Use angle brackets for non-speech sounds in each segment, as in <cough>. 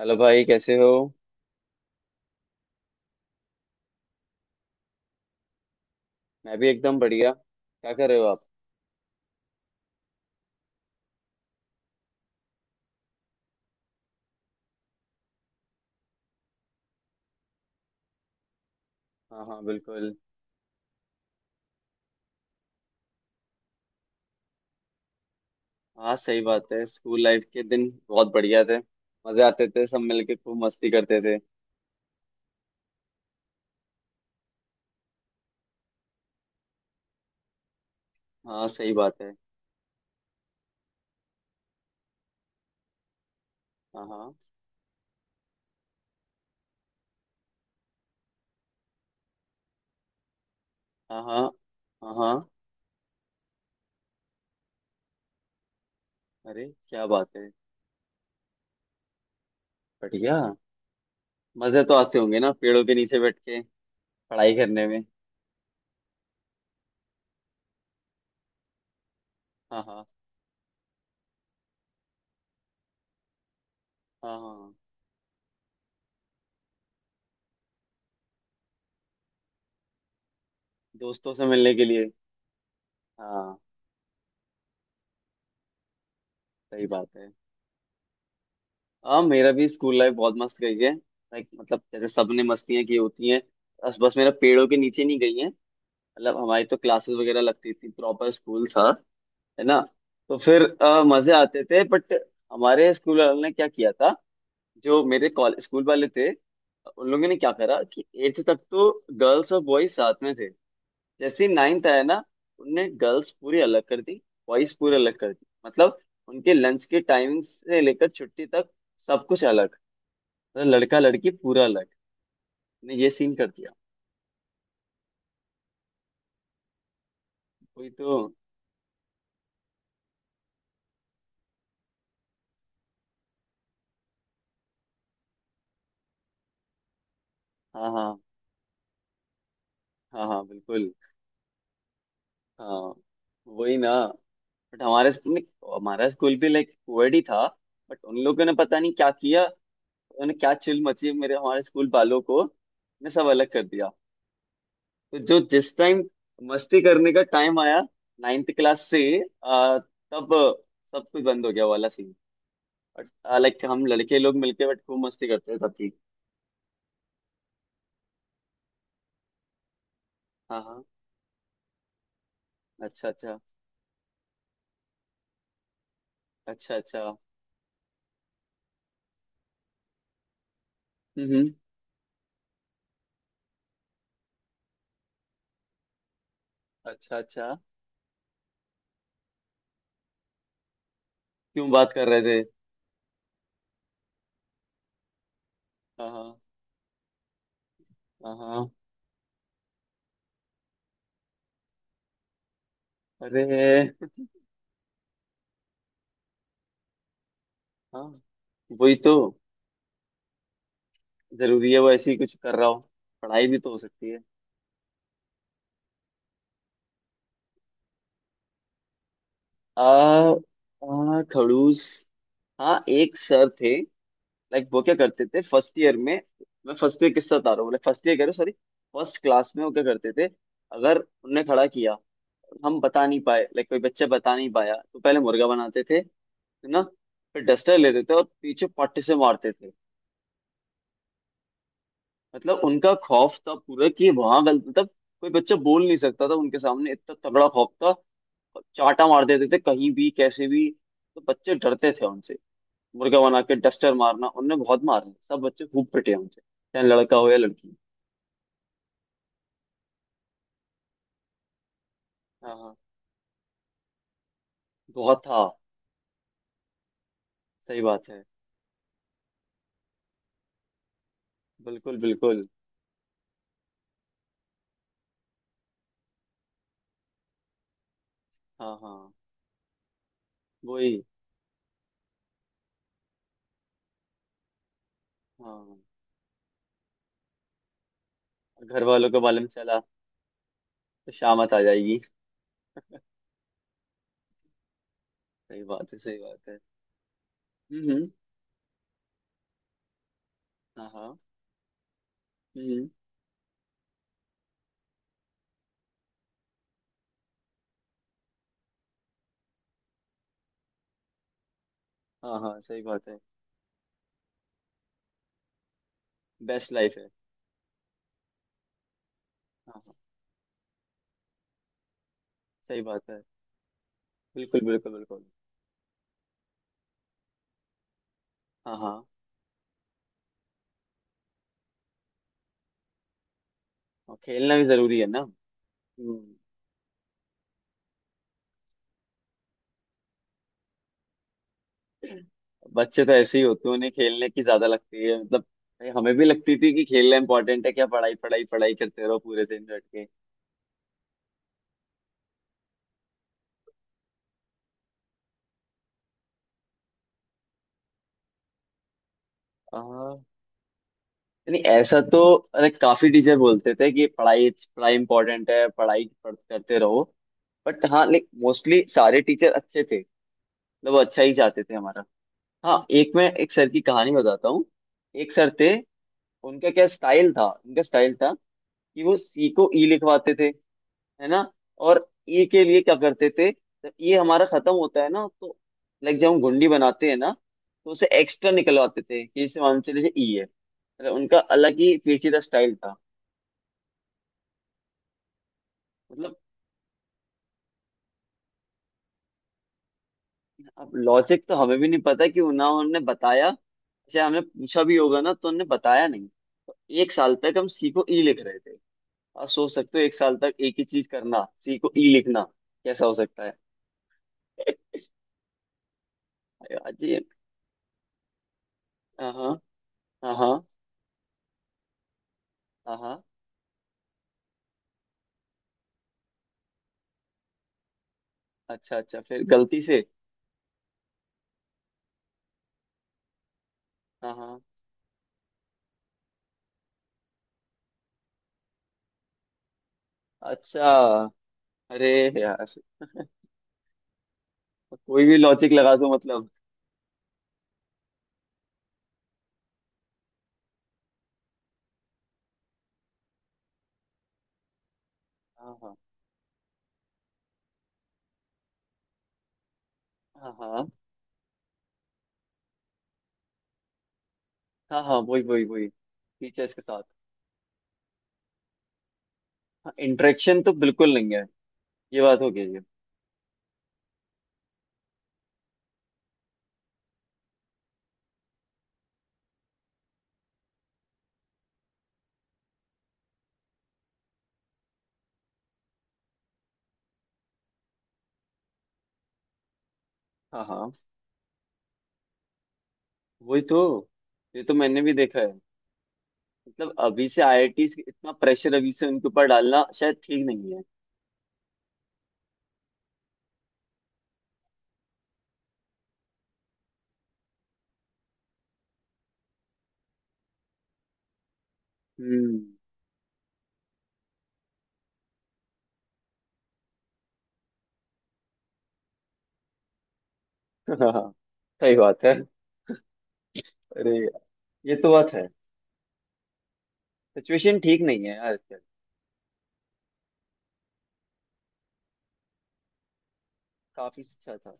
Hello भाई कैसे हो। मैं भी एकदम बढ़िया, क्या कर रहे हो आप। हाँ हाँ बिल्कुल। हाँ सही बात है, स्कूल लाइफ के दिन बहुत बढ़िया थे। मजे आते थे, सब मिलके खूब मस्ती करते थे। हाँ सही बात है। हाँ हाँ। हाँ हाँ। हाँ हाँ। अरे क्या बात है। बढ़िया। मजे तो आते होंगे ना पेड़ों के नीचे बैठ के पढ़ाई करने में। हाँ हाँ। हाँ हाँ। दोस्तों से मिलने के लिए। हाँ सही बात है। हाँ मेरा भी स्कूल लाइफ बहुत मस्त गई है, लाइक मतलब जैसे सबने मस्तियाँ की होती हैं। बस बस मेरा पेड़ों के नीचे नहीं गई है। मतलब हमारी तो क्लासेस वगैरह लगती थी, प्रॉपर स्कूल था, है ना। तो फिर मजे आते थे बट हमारे स्कूल वालों ने क्या किया था। जो मेरे कॉलेज स्कूल वाले थे, उन लोगों ने क्या करा कि एट्थ तक तो गर्ल्स और बॉयज साथ में थे। जैसे ही नाइन्थ आया ना, उनने गर्ल्स पूरी अलग कर दी, बॉयज पूरी अलग कर दी। मतलब उनके लंच के टाइमिंग से लेकर छुट्टी तक सब कुछ अलग। तो लड़का लड़की पूरा अलग ने ये सीन कर दिया। वही तो। हाँ हाँ। हाँ हाँ बिल्कुल। हाँ वही ना। बट हमारे स्कूल में, हमारा स्कूल भी लाइक कोएड ही था, बट उन लोगों ने पता नहीं क्या किया। उन्होंने क्या चिल मची, मेरे हमारे स्कूल वालों को ने सब अलग कर दिया। तो जो जिस टाइम मस्ती करने का टाइम आया, नाइन्थ क्लास से तब सब कुछ बंद हो गया वाला सीन। बट लाइक हम लड़के लोग मिलके बट खूब मस्ती करते थे तब की। हाँ हाँ। अच्छा अच्छा। अच्छा अच्छा। हम्म हम्म। अच्छा अच्छा। क्यों बात कर रहे थे। हाँ हाँ। हाँ हाँ। अरे हाँ वही तो। जरूरी है वो ऐसे ही कुछ कर रहा हो, पढ़ाई भी तो हो सकती है। आ, आ खड़ूस। हाँ एक सर थे, लाइक वो क्या करते थे फर्स्ट ईयर में। मैं फर्स्ट ईयर किससे बता रहा हूँ, फर्स्ट ईयर कह रहा हूँ, सॉरी। फर्स्ट क्लास में वो क्या करते थे। अगर उनने खड़ा किया, हम बता नहीं पाए, लाइक कोई बच्चा बता नहीं पाया, तो पहले मुर्गा बनाते थे, है ना। फिर डस्टर लेते थे और पीछे पट्टे से मारते थे। मतलब उनका खौफ था पूरा कि वहां गलत मतलब कोई बच्चा बोल नहीं सकता था उनके सामने, इतना तगड़ा खौफ था। और चाटा मार देते थे कहीं भी कैसे भी, तो बच्चे डरते थे उनसे। मुर्गा बना के डस्टर मारना, उनने बहुत मारे, सब बच्चे खूब पिटे उनसे, चाहे लड़का हो या लड़की। हाँ हाँ। बहुत था। सही बात है। बिल्कुल बिल्कुल। हाँ हाँ। वही। हाँ घर वालों के बारे में चला तो शामत आ जाएगी। सही बात है सही बात है। हम्म हम्म, हाँ हाँ। हम्म हम्म। हाँ हाँ सही बात है। बेस्ट लाइफ है हाँ। सही बात है। बिल्कुल बिल्कुल बिल्कुल। हाँ हाँ। और खेलना भी जरूरी है ना। हम्म। बच्चे तो ऐसे ही होते हैं, उन्हें खेलने की ज्यादा लगती है। मतलब भाई हमें भी लगती थी कि खेलना इंपॉर्टेंट है, क्या पढ़ाई पढ़ाई पढ़ाई करते रहो पूरे दिन बैठ के। हाँ नहीं ऐसा तो अरे काफी टीचर बोलते थे कि पढ़ाई पढ़ाई इंपॉर्टेंट है, करते रहो। बट हाँ लाइक मोस्टली सारे टीचर अच्छे थे, मतलब वो अच्छा ही चाहते थे हमारा। हाँ एक, मैं एक सर की कहानी बताता हूँ। एक सर थे, उनका क्या स्टाइल था। उनका स्टाइल था कि वो सी को ई लिखवाते थे, है ना। और ई के लिए क्या करते थे, जब ये हमारा खत्म होता है ना तो, लाइक जब हम गुंडी बनाते हैं ना, तो उसे एक्स्ट्रा निकलवाते थे कि इसे मान चले ई है। मतलब उनका अलग ही पेचीदा स्टाइल था। मतलब अब लॉजिक तो हमें भी नहीं पता कि ना उन्होंने बताया, चाहे हमने पूछा भी होगा ना तो उन्होंने बताया नहीं। तो एक साल तक हम सी को ई लिख रहे थे। आप सोच सकते हो, एक साल तक एक ही चीज करना, सी को ई लिखना, कैसा हो सकता है। <laughs> जी। हाँ। हाँ हाँ। हाँ अच्छा अच्छा फिर गलती से। हाँ हाँ। अच्छा अरे यार, कोई भी लॉजिक लगा दो मतलब। हाँ हाँ। हाँ हाँ। हाँ हाँ वही वही वही, टीचर्स के साथ। हाँ इंटरेक्शन तो बिल्कुल नहीं है, ये बात हो गई है। हाँ हाँ वही तो, ये तो मैंने भी देखा है। मतलब अभी से आईआईटी, इतना प्रेशर अभी से उनके ऊपर डालना शायद ठीक नहीं है। हम्म। <laughs> हाँ हाँ सही बात है। अरे ये तो बात है, सिचुएशन ठीक नहीं है यार। काफी अच्छा था।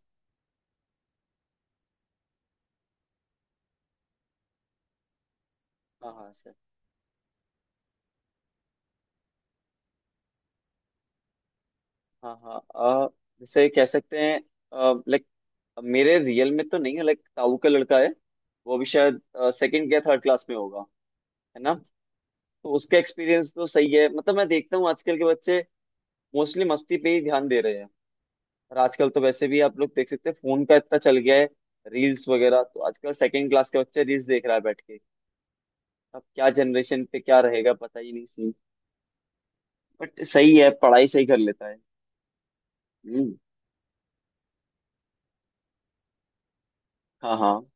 हाँ हाँ सर। हाँ हाँ जैसे कह सकते हैं, लाइक मेरे रियल में तो नहीं है, लाइक ताऊ का लड़का है। वो भी शायद सेकंड या थर्ड क्लास में होगा, है ना। तो उसका एक्सपीरियंस तो सही है, मतलब मैं देखता हूँ आजकल के बच्चे मोस्टली मस्ती पे ही ध्यान दे रहे हैं। और आजकल तो वैसे भी आप लोग देख सकते हैं, फोन का इतना चल गया है, रील्स वगैरह, तो आजकल सेकंड क्लास के बच्चे रील्स देख रहा है बैठ के। अब क्या जनरेशन पे क्या रहेगा पता ही नहीं सीन, बट सही है पढ़ाई सही कर लेता है। हम्म। हाँ हाँ।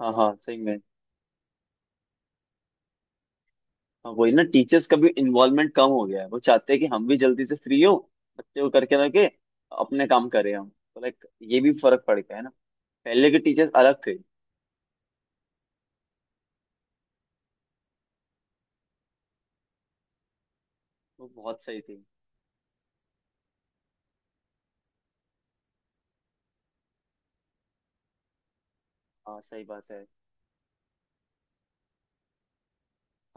हाँ हाँ सही में। हाँ, वही ना, टीचर्स का भी इन्वॉल्वमेंट कम हो गया है, वो चाहते हैं कि हम भी जल्दी से फ्री हो, बच्चे को करके रखे अपने काम करें हम। तो लाइक ये भी फर्क पड़ गया है ना, पहले के टीचर्स अलग थे, वो बहुत सही थे। हाँ सही बात है।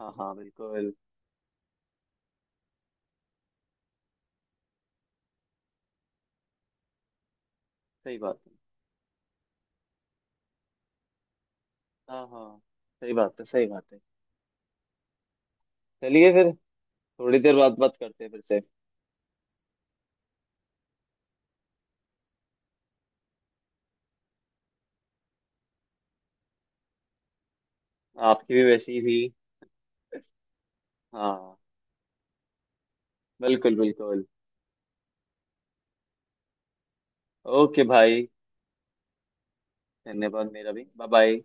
हाँ हाँ बिल्कुल। सही बात है। हाँ हाँ। सही बात है सही बात है। चलिए फिर थोड़ी देर बाद बात करते हैं फिर से। आपकी भी वैसी ही हुई। हाँ बिल्कुल बिल्कुल। ओके भाई, धन्यवाद मेरा भी। Bye bye.